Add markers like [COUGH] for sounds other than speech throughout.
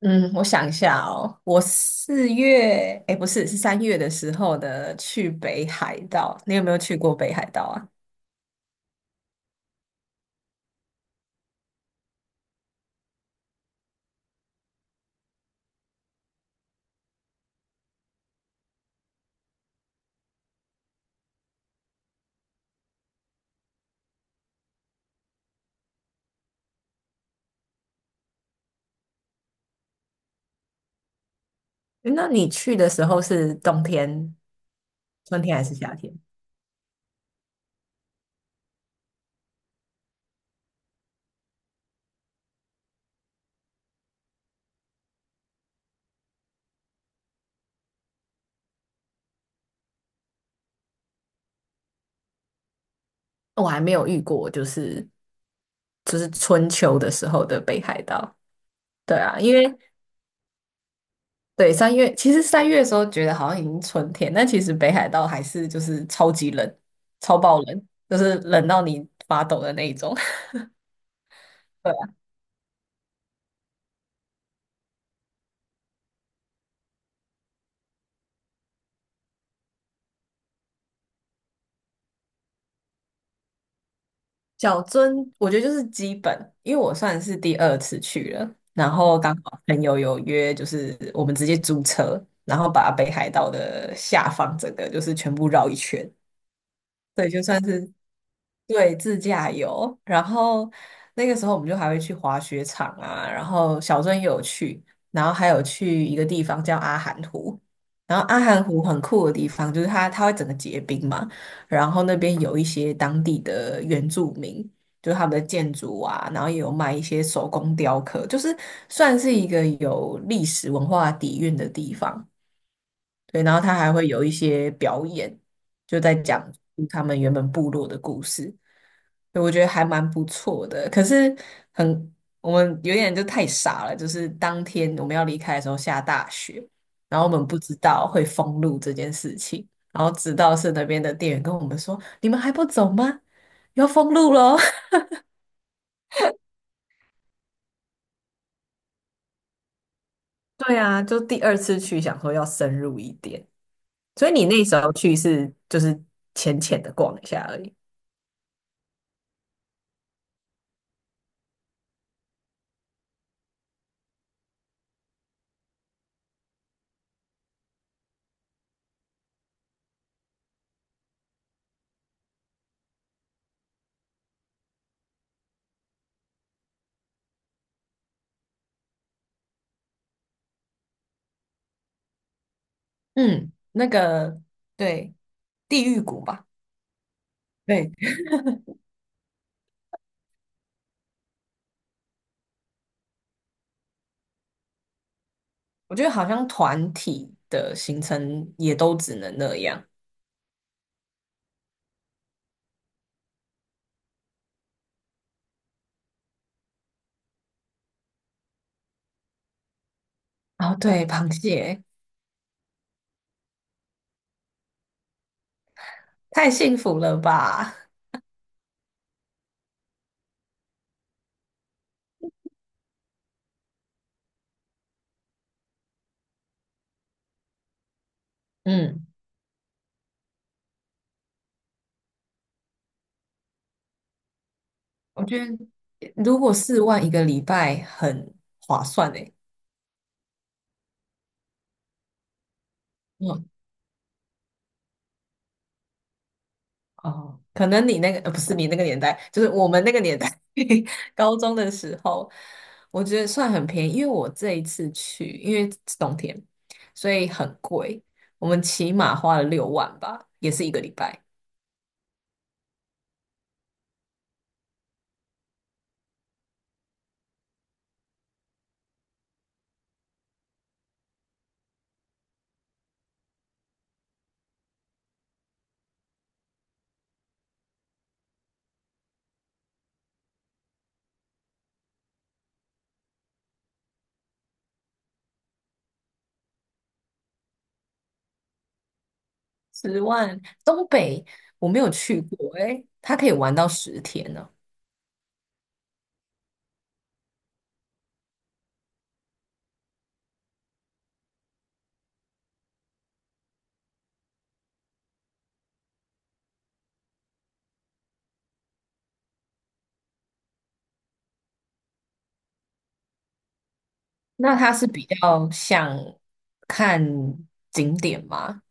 嗯，我想一下哦，我四月，哎，不是，是三月的时候的去北海道。你有没有去过北海道啊？诶那你去的时候是冬天、春天还是夏天？我还没有遇过，就是春秋的时候的北海道。对啊，因为对三月，其实三月的时候觉得好像已经春天，但其实北海道还是就是超级冷，超爆冷，就是冷到你发抖的那一种。[LAUGHS] 小樽，我觉得就是基本，因为我算是第二次去了，然后刚好朋友有约，就是我们直接租车，然后把北海道的下方整个就是全部绕一圈，对，就算是对，自驾游。然后那个时候我们就还会去滑雪场啊，然后小镇也有去，然后还有去一个地方叫阿寒湖。然后阿寒湖很酷的地方就是它会整个结冰嘛，然后那边有一些当地的原住民，就是他们的建筑啊，然后也有卖一些手工雕刻，就是算是一个有历史文化底蕴的地方。对，然后他还会有一些表演，就在讲述他们原本部落的故事，对，我觉得还蛮不错的。可是很，我们有点就太傻了，就是当天我们要离开的时候下大雪，然后我们不知道会封路这件事情，然后直到是那边的店员跟我们说：“你们还不走吗？要封路喽！” [LAUGHS] 对啊，就第二次去想说要深入一点，所以你那时候去是就是浅浅的逛一下而已。嗯，那个对，地狱谷吧，对，我觉得好像团体的行程也都只能那样。哦，对，螃蟹太幸福了吧？嗯，我觉得如果4万一个礼拜很划算诶。嗯哦，可能你那个，不是你那个年代，就是我们那个年代，[LAUGHS] 高中的时候，我觉得算很便宜，因为我这一次去，因为是冬天，所以很贵，我们起码花了6万吧，也是一个礼拜，10万。东北我没有去过，诶，它可以玩到10天呢。那它是比较像看景点吗？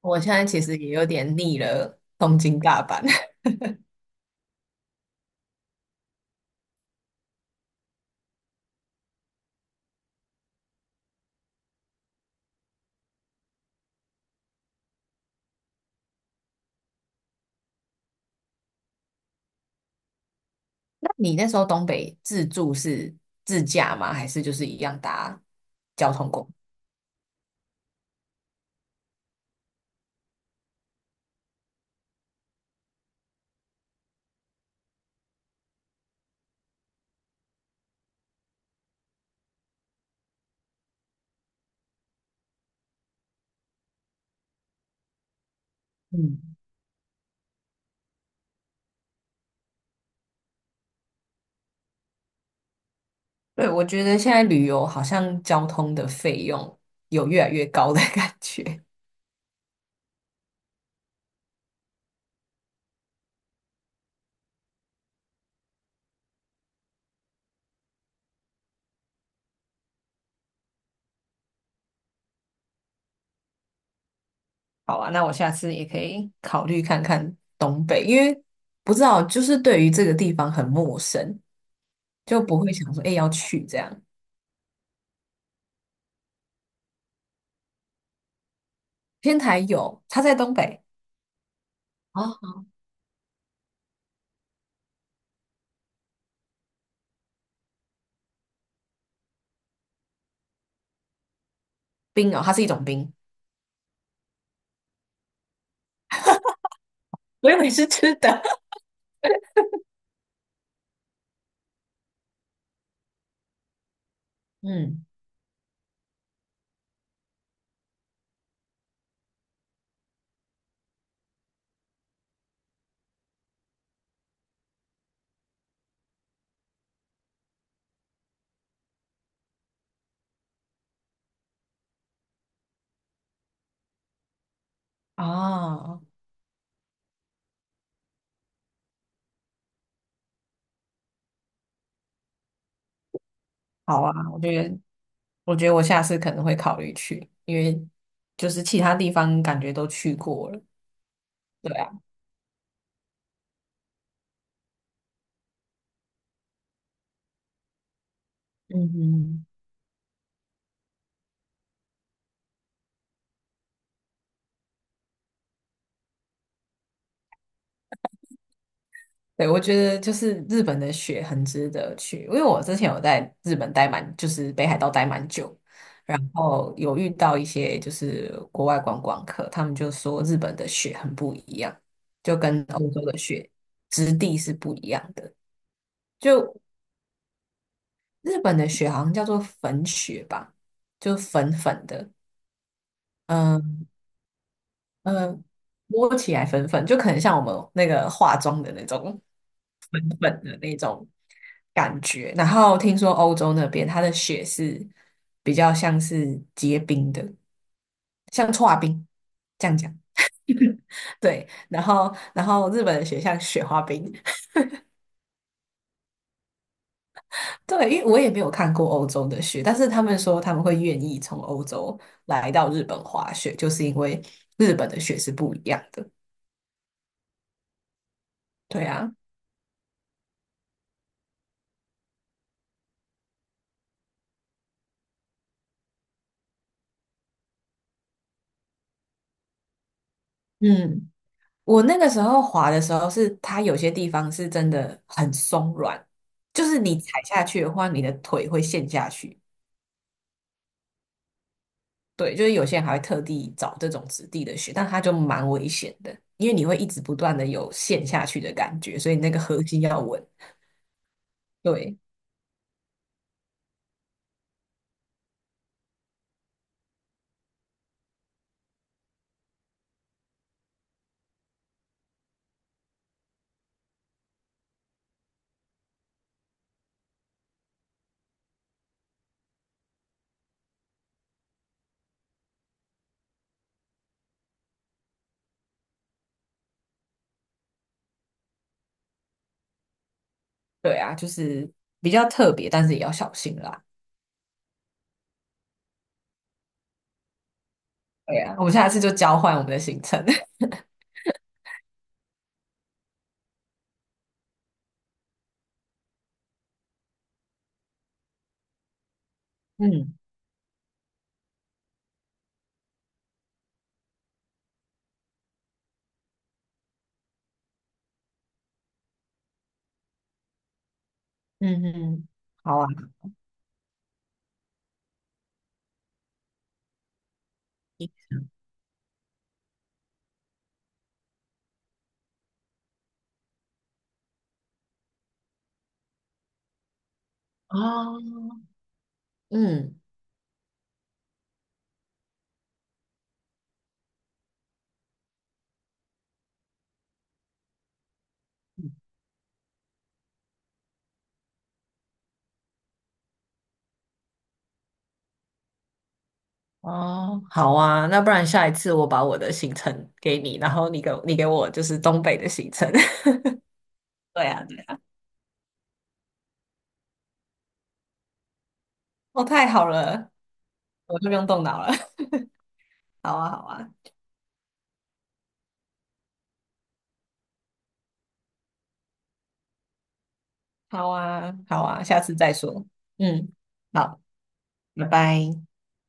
我现在其实也有点腻了东京大阪。那你那时候东北自助是自驾吗？还是就是一样搭交通工具？嗯，对，我觉得现在旅游好像交通的费用有越来越高的感觉。好啊，那我下次也可以考虑看看东北，因为不知道就是对于这个地方很陌生，就不会想说哎、要去这样。天台有，它在东北哦，冰哦，它是一种冰，我以为是吃的。[LAUGHS] 嗯，哦，好啊，我觉得。我觉得我下次可能会考虑去，因为就是其他地方感觉都去过了。对啊，嗯哼，对，我觉得就是日本的雪很值得去，因为我之前有在日本待蛮，就是北海道待蛮久，然后有遇到一些就是国外观光客，他们就说日本的雪很不一样，就跟欧洲的雪质地是不一样的。就日本的雪好像叫做粉雪吧，就粉粉的，嗯。嗯，摸起来粉粉，就可能像我们那个化妆的那种粉粉的那种感觉。然后听说欧洲那边它的雪是比较像是结冰的，像搓冰这样讲。对，然后日本的雪像雪花冰，[LAUGHS] 对，因为我也没有看过欧洲的雪，但是他们说他们会愿意从欧洲来到日本滑雪，就是因为日本的雪是不一样的。对啊，嗯。我那个时候滑的时候是，它有些地方是真的很松软，就是你踩下去的话，你的腿会陷下去。对，就是有些人还会特地找这种质地的雪，但它就蛮危险的，因为你会一直不断的有陷下去的感觉，所以你那个核心要稳。对，对啊，就是比较特别，但是也要小心啦。对啊，我们下次就交换我们的行程。[LAUGHS] 嗯嗯嗯，[LAUGHS] 好啊。哦，嗯。哦，好啊，那不然下一次我把我的行程给你，然后你给我就是东北的行程。[LAUGHS] 对啊，对啊，哦，太好了，我就不用动脑了。[LAUGHS] 好啊，好啊，好啊，好啊，下次再说。嗯，好，拜拜。